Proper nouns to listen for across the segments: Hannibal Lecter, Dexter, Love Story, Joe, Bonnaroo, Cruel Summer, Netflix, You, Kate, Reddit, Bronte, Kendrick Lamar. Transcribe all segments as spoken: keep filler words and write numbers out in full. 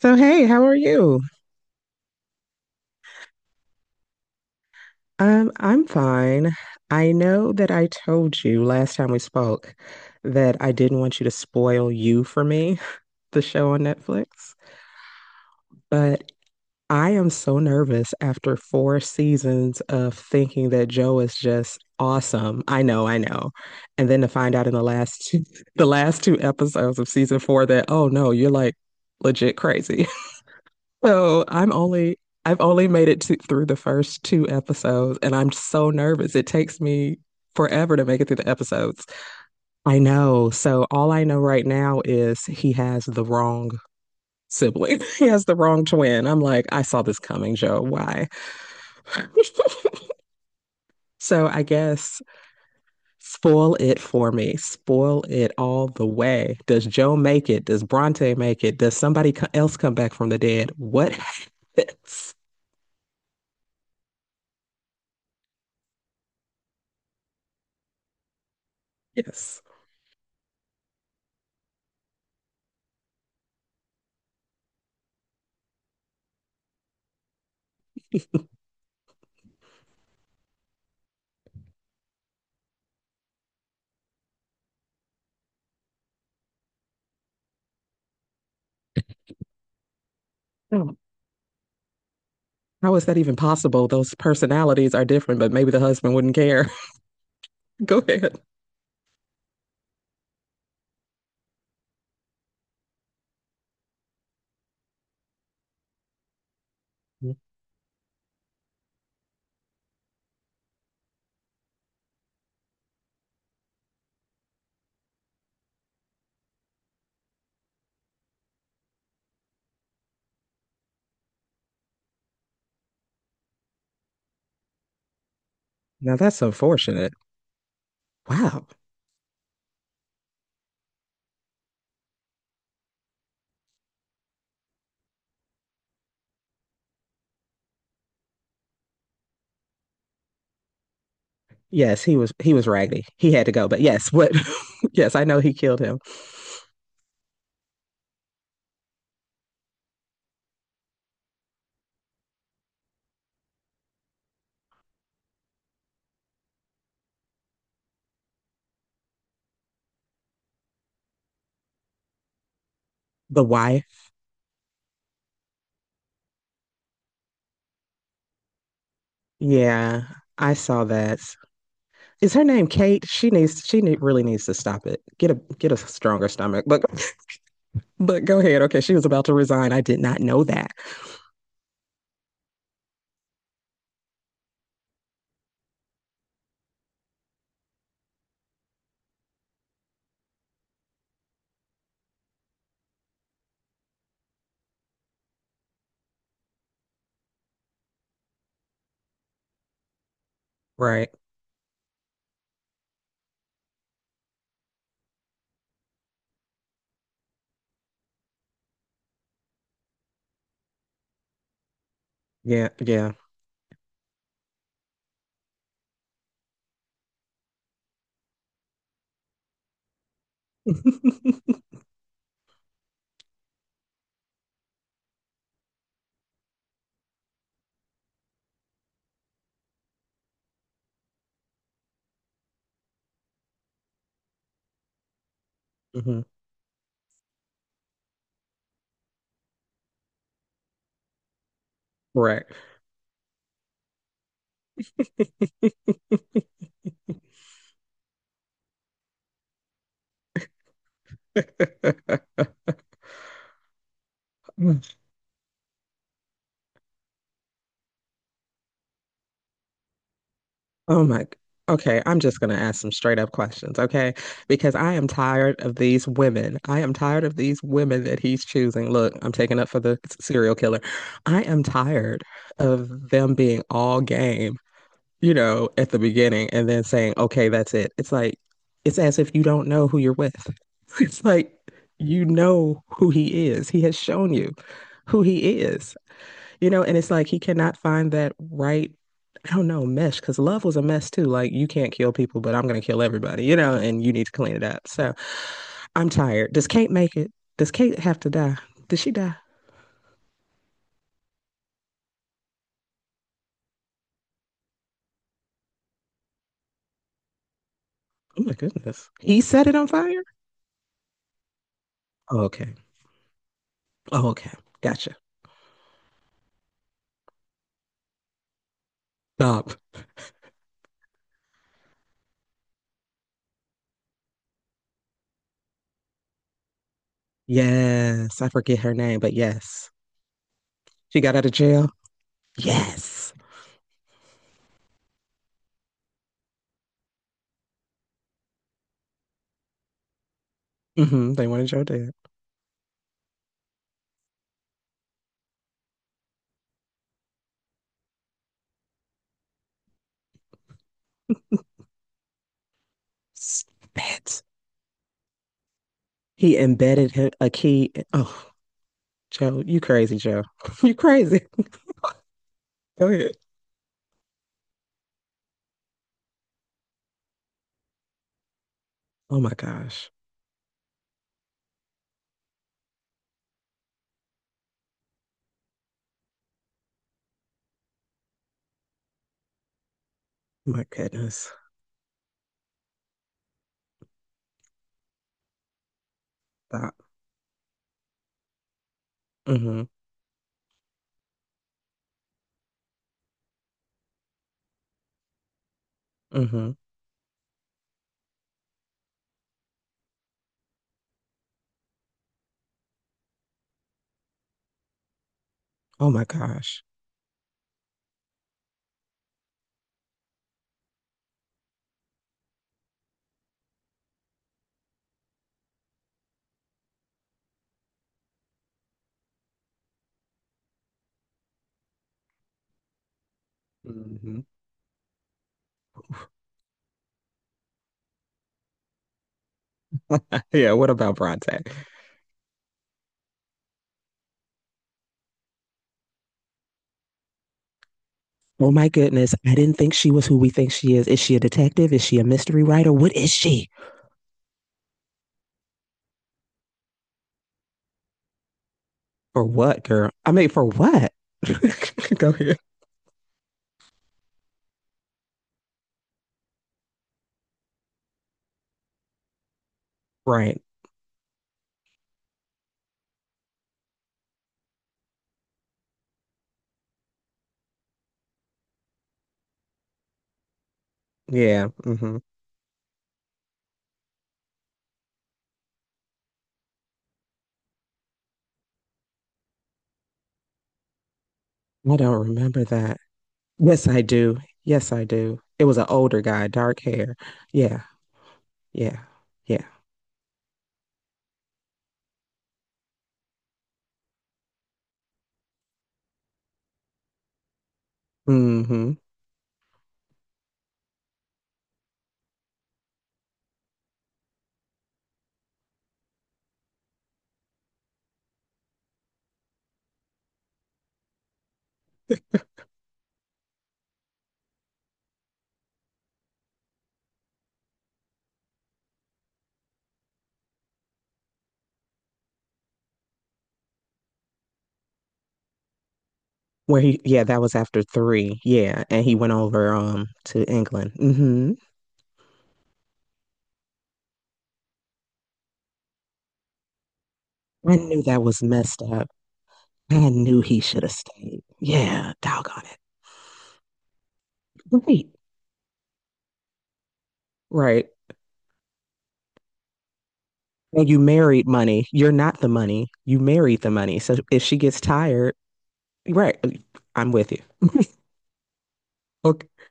So, hey, how are you? Um, I'm fine. I know that I told you last time we spoke that I didn't want you to spoil You for me, the show on Netflix, but I am so nervous after four seasons of thinking that Joe is just awesome. I know, I know. And then to find out in the last two, the last two episodes of season four that, oh no, you're like legit crazy. So I'm only I've only made it to, through the first two episodes and I'm so nervous. It takes me forever to make it through the episodes. I know. So all I know right now is he has the wrong sibling. He has the wrong twin. I'm like, I saw this coming, Joe. Why? So I guess spoil it for me. Spoil it all the way. Does Joe make it? Does Bronte make it? Does somebody co- else come back from the dead? What happens? Yes. How is that even possible? Those personalities are different, but maybe the husband wouldn't care. Go ahead. Mm. Now that's unfortunate. Wow. Yes, he was he was raggedy. He had to go, but yes, what yes, I know he killed him. The wife. Yeah, I saw that. Is her name Kate? She needs she need, really needs to stop it. Get a get a stronger stomach. But but go ahead. Okay, she was about to resign. I did not know that. Right. Yeah, yeah. hmm Right. Mm. Oh my. Okay, I'm just going to ask some straight up questions, okay? Because I am tired of these women. I am tired of these women that he's choosing. Look, I'm taking up for the s- serial killer. I am tired of them being all game, you know, at the beginning and then saying, okay, that's it. It's like, it's as if you don't know who you're with. It's like, you know who he is. He has shown you who he is. You know, and it's like he cannot find that right, I don't know, mesh, because love was a mess too. Like, you can't kill people, but I'm going to kill everybody, you know, and you need to clean it up. So I'm tired. Does Kate make it? Does Kate have to die? Did she die? Oh my goodness. He set it on fire? Oh, okay. Oh, okay. Gotcha. Stop. Yes. I forget her name, but yes. She got out of jail? Yes. hmm They wanted Joe dead. Spit. He embedded him, a key. Oh, Joe, you crazy, Joe. you crazy. Go ahead. Oh my gosh. My goodness. That. Hmm hmm Oh my gosh. Hmm Yeah, what about Bronte? Well, my goodness, I didn't think she was who we think she is. Is she a detective? Is she a mystery writer? What is she? For what, girl? I mean, for what? Go ahead. Right. Yeah. hmm I don't remember that. Yes, I do. Yes, I do. It was an older guy, dark hair. Yeah. Yeah. Yeah. hmm Where he, yeah, that was after three. Yeah, and he went over um to England. Hmm I knew that was messed up. I knew he should have stayed. Yeah, doggone it. Right, right. And you married money. You're not the money. You married the money. So if she gets tired, right, I'm with you. Okay.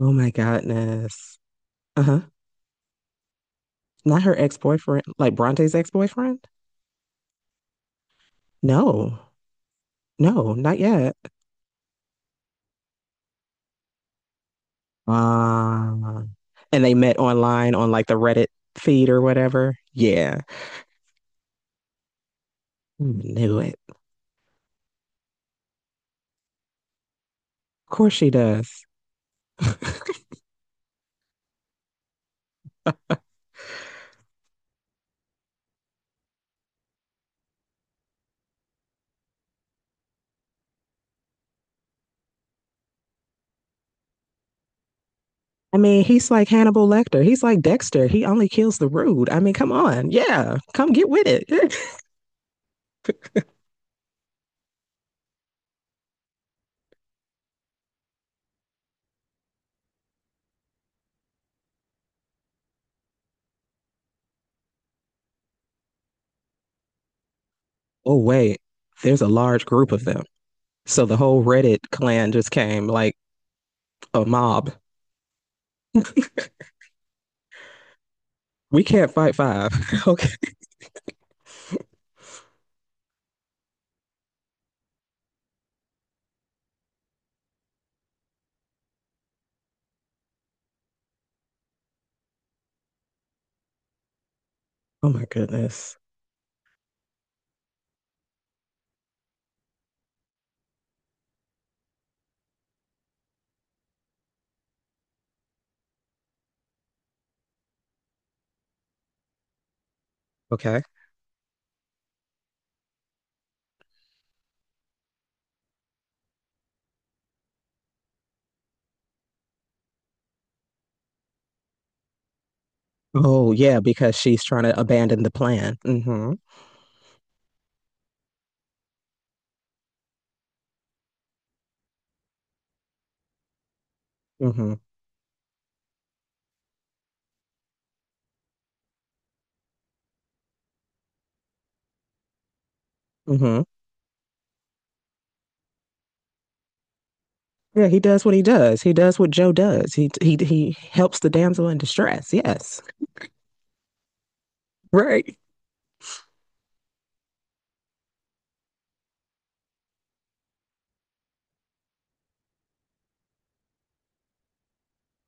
Oh my goodness. Uh huh. Not her ex boyfriend, like Bronte's ex boyfriend. No, no, not yet. Uh, and they met online on like the Reddit feed or whatever. Yeah, knew it. Of course she does. I mean, he's like Hannibal Lecter. He's like Dexter. He only kills the rude. I mean, come on. Yeah, come get with it. Oh, wait, there's a large group of them. So the whole Reddit clan just came. Like, a mob. We can't fight five. Okay. Oh my goodness. Okay. Oh yeah, because she's trying to abandon the plan. Mm-hmm. Mm-hmm. Mm-hmm. Yeah, he does what he does. He does what Joe does. He he he helps the damsel in distress. Yes. Right.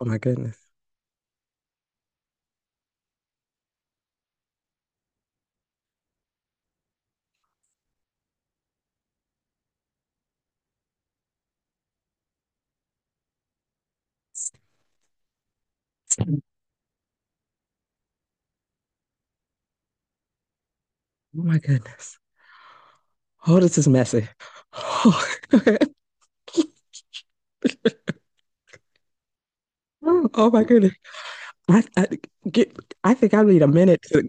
Oh my goodness. Oh my goodness. Oh, this is messy. Oh, oh my goodness. I, I, get, I think I need a minute to,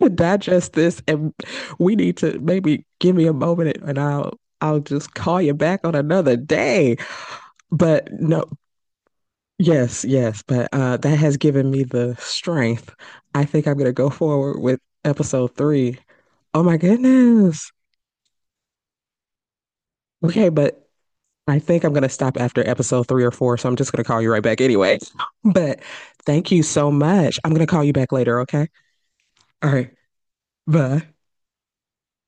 to digest this, and we need to maybe give me a moment, and I'll I'll just call you back on another day. But no, yes, yes, but uh, that has given me the strength. I think I'm gonna go forward with episode three. Oh my goodness. Okay, but I think I'm going to stop after episode three or four, so I'm just going to call you right back anyway. But thank you so much. I'm going to call you back later, okay? All right. Bye.